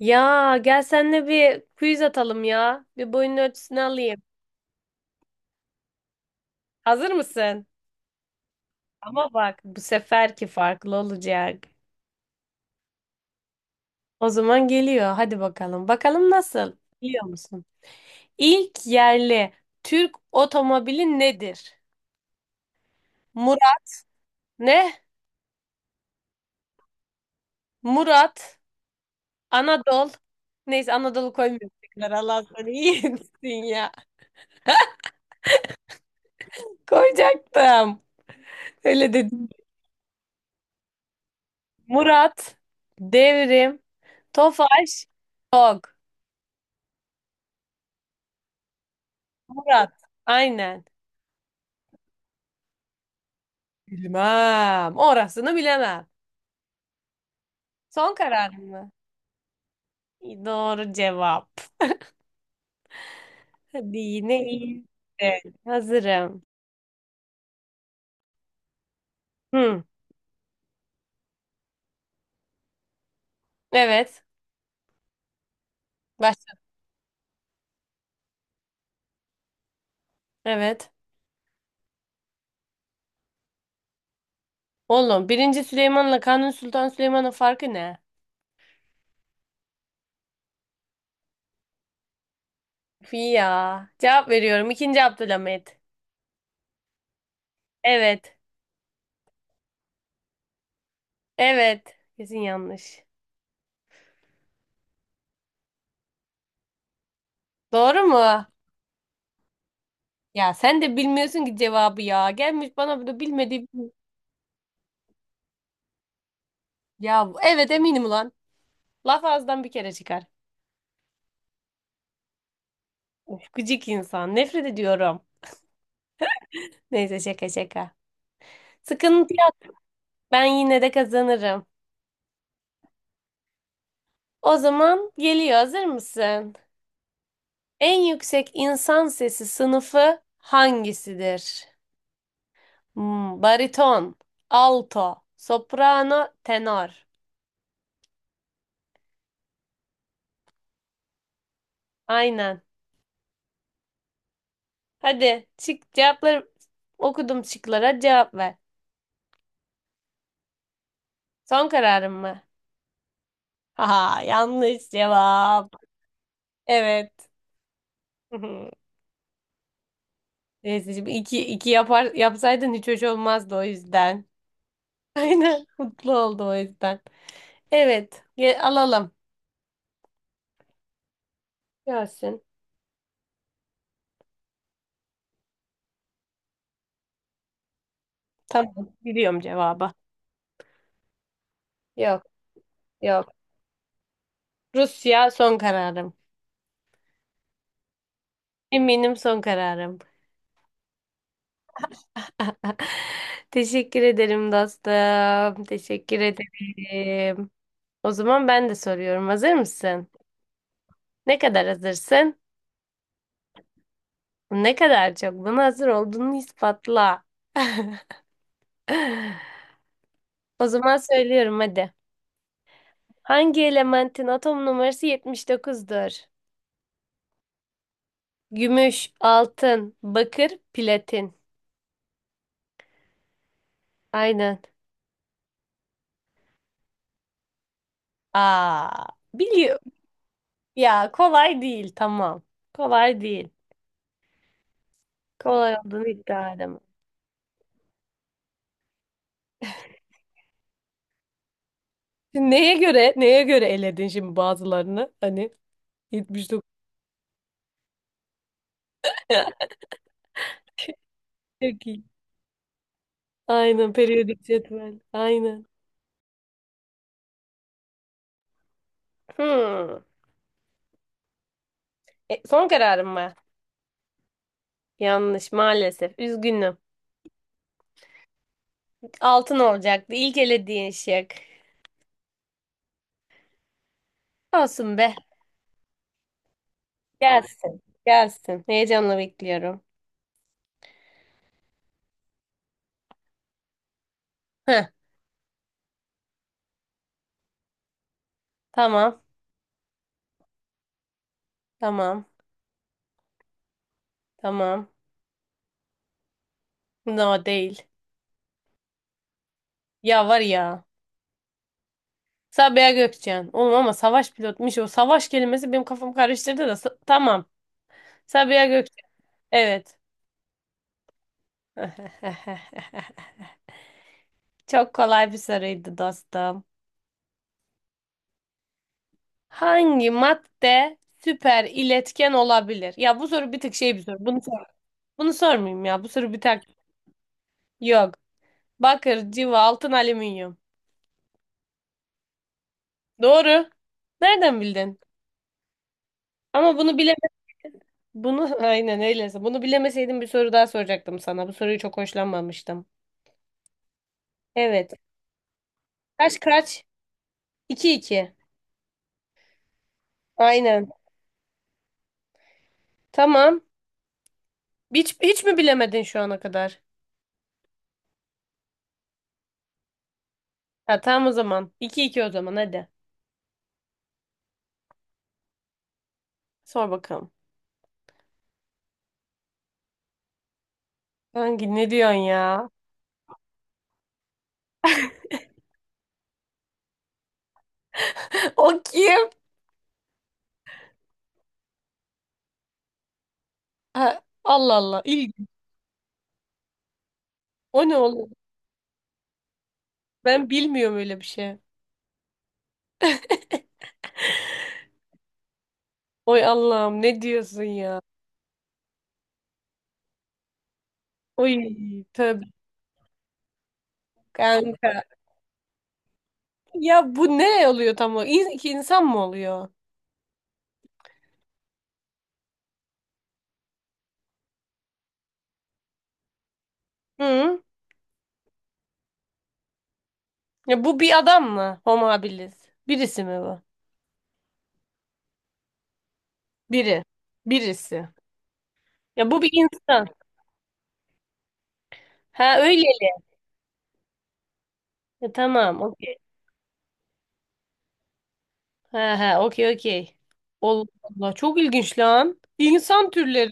Ya gel seninle bir quiz atalım ya. Bir boyun ölçüsünü alayım. Hazır mısın? Ama bak bu seferki farklı olacak. O zaman geliyor. Hadi bakalım. Bakalım nasıl? Biliyor musun? İlk yerli Türk otomobili nedir? Murat ne? Murat Anadolu. Neyse Anadolu koymuyorum tekrar. Allah sana iyi etsin ya. Koyacaktım. Öyle dedim. Murat Devrim Tofaş Tok. Murat. Aynen. Bilmem. Orasını bilemem. Son karar mı? Doğru cevap. Hadi yine iyi. Evet, hazırım. Hı. Evet. Başla. Evet. Oğlum birinci Süleyman'la Kanuni Sultan Süleyman'ın farkı ne? Fi Ya. Cevap veriyorum. İkinci Abdülhamit. Evet. Evet. Kesin yanlış. Doğru mu? Ya sen de bilmiyorsun ki cevabı ya. Gelmiş bana bunu bilmediği... Ya evet eminim ulan. Laf ağızdan bir kere çıkar. Of, gıcık insan. Nefret ediyorum. Neyse şaka şaka. Sıkıntı yok. Ben yine de kazanırım. O zaman geliyor. Hazır mısın? En yüksek insan sesi sınıfı hangisidir? Bariton, alto, soprano, tenor. Aynen. Hadi çık cevapları okudum şıklara cevap ver. Son kararın mı? Haha yanlış cevap. Evet. Neyse şimdi iki, iki yapar, yapsaydın hiç hoş olmazdı o yüzden. Aynen. Mutlu oldu o yüzden. Evet. Alalım. Gelsin. Tamam. Biliyorum cevabı. Yok. Yok. Rusya son kararım. Eminim son kararım. Teşekkür ederim dostum. Teşekkür ederim. O zaman ben de soruyorum. Hazır mısın? Ne kadar hazırsın? Ne kadar çok buna hazır olduğunu ispatla. O zaman söylüyorum hadi. Hangi elementin atom numarası yetmiş dokuzdur? Gümüş, altın, bakır, platin. Aynen. Aa, biliyorum. Ya kolay değil tamam. Kolay değil. Kolay olduğunu iddia edemem. Şimdi neye göre eledin şimdi bazılarını? Hani 79. Çok iyi. Aynen periyodik cetvel. Aynen. Hmm. E, son kararım mı? Yanlış maalesef. Üzgünüm. Altın olacaktı. İlk elediğin şık. Olsun be. Gelsin. Gelsin. Heyecanla bekliyorum. Heh, tamam. Tamam. Tamam. No değil. Ya var ya. Sabiha Gökçen. Oğlum ama savaş pilotmuş o. Savaş kelimesi benim kafamı karıştırdı da. Tamam. Sabiha Gökçen. Evet. Çok kolay bir soruydu dostum. Hangi madde süper iletken olabilir? Ya bu soru bir tık şey bir soru. Bunu sor. Bunu sormayayım ya. Bu soru bir tık. Yok. Bakır, civa, altın, alüminyum. Doğru. Nereden bildin? Ama bunu bileme bunu aynen öyleyse. Bunu bilemeseydim bir soru daha soracaktım sana. Bu soruyu çok hoşlanmamıştım. Evet. Kaç kaç? 2 iki. Aynen. Tamam. Hiç mi bilemedin şu ana kadar? Ha, tamam o zaman. 2 iki o zaman hadi. Sor bakalım. Ne diyorsun ya? O kim? Ha, Allah Allah. İlginç. O ne oğlum? Ben bilmiyorum öyle bir şey. Oy Allah'ım ne diyorsun ya? Oy tabii kanka. Ya bu ne oluyor tam o? İki insan mı oluyor? Hı? Ya bu bir adam mı? Homo habilis. Birisi mi bu? Biri. Birisi. Ya bu bir insan. Ha öyleli. Ya tamam. Okey. Ha ha okey okey. Allah Allah çok ilginç lan. İnsan türleri.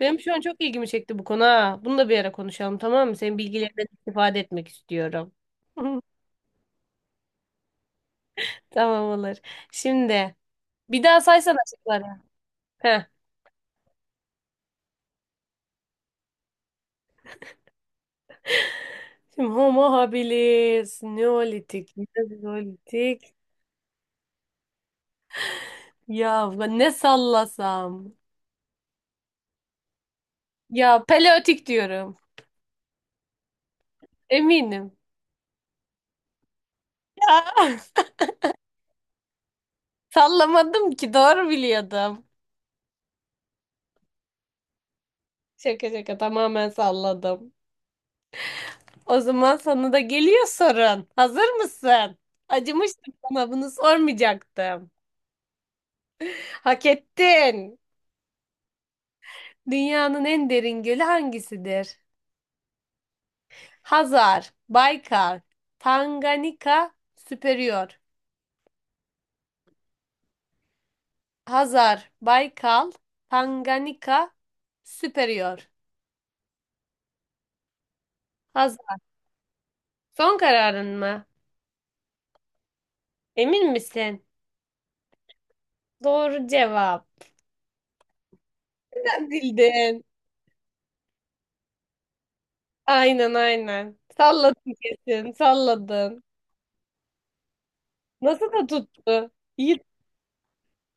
Benim şu an çok ilgimi çekti bu konu ha. Bunu da bir ara konuşalım tamam mı? Senin bilgilerinden istifade etmek istiyorum. Tamam olur. Şimdi bir daha saysana şıkları. Heh. Şimdi Homo habilis, Neolitik, Mezolitik. Ya ne sallasam? Ya Paleolitik diyorum. Eminim. Ya sallamadım ki doğru biliyordum. Şaka şaka tamamen salladım. O zaman sana da geliyor sorun. Hazır mısın? Acımıştım sana bunu sormayacaktım. Hak ettin. Dünyanın en derin gölü hangisidir? Hazar, Baykal, Tanganyika, Süperior. Hazar, Baykal, Tanganyika, Superior. Hazar. Son kararın mı? Emin misin? Doğru cevap. Sen bildin. Aynen aynen. Salladın kesin, salladın. Nasıl da tuttu? İyi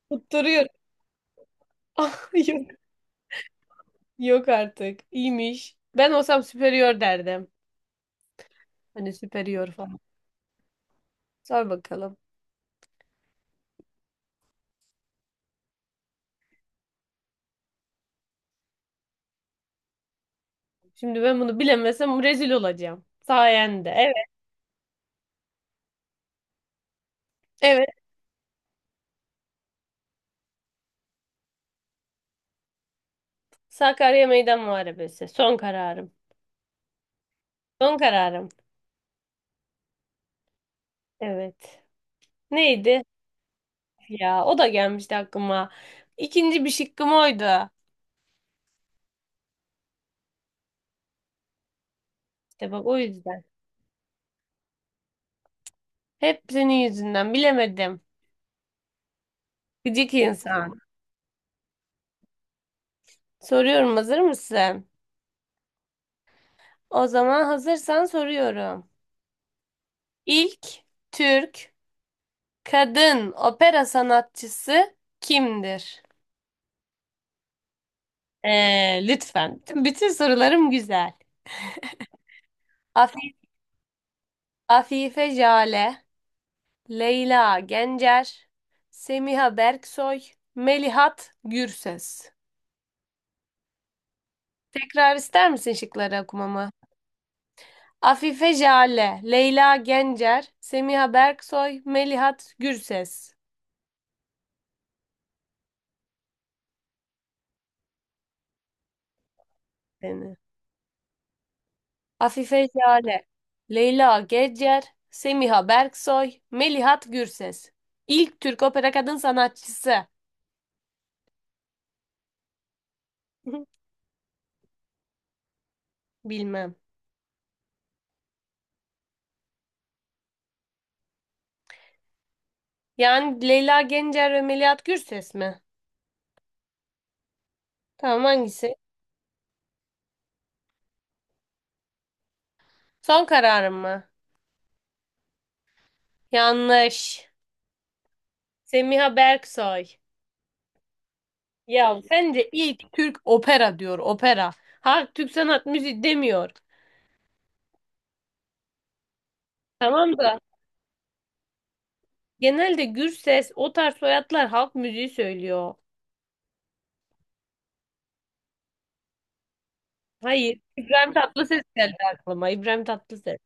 tutturuyor. Ah, yok, yok artık. İyiymiş. Ben olsam Superior derdim. Hani Superior falan. Sor bakalım. Şimdi ben bunu bilemesem rezil olacağım. Sayende. Evet. Evet. Sakarya Meydan Muharebesi. Son kararım. Son kararım. Evet. Neydi? Ya o da gelmişti aklıma. İkinci bir şıkkım oydu. İşte bak o yüzden. Hep senin yüzünden bilemedim. Gıcık insan. Soruyorum hazır mısın? O zaman hazırsan soruyorum. İlk Türk kadın opera sanatçısı kimdir? Lütfen. Bütün sorularım güzel. Afi- Afife Jale. Leyla Gencer, Semiha Berksoy, Melihat Gürses. Tekrar ister misin şıkları okumamı? Afife Jale, Leyla Gencer, Semiha Berksoy, Melihat Gürses. Seni. Afife Jale, Leyla Gencer, Semiha Berksoy, Melihat Gürses. İlk Türk opera kadın sanatçısı. Bilmem. Yani Leyla Gencer ve Melihat Gürses mi? Tamam hangisi? Son kararım mı? Yanlış. Semiha Berksoy. Ya sence ilk Türk opera diyor opera. Halk Türk sanat müziği demiyor. Tamam da genelde Gürses o tarz soyadlar halk müziği söylüyor. Hayır İbrahim Tatlıses geldi aklıma İbrahim Tatlıses.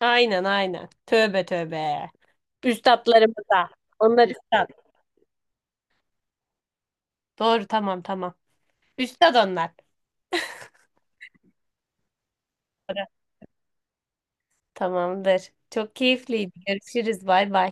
Aynen aynen. Tövbe tövbe. Üstatlarımıza. Onlar üstad. Doğru tamam tamam. Üstad onlar. Doğru. Tamamdır. Çok keyifliydi. Görüşürüz. Bay bay.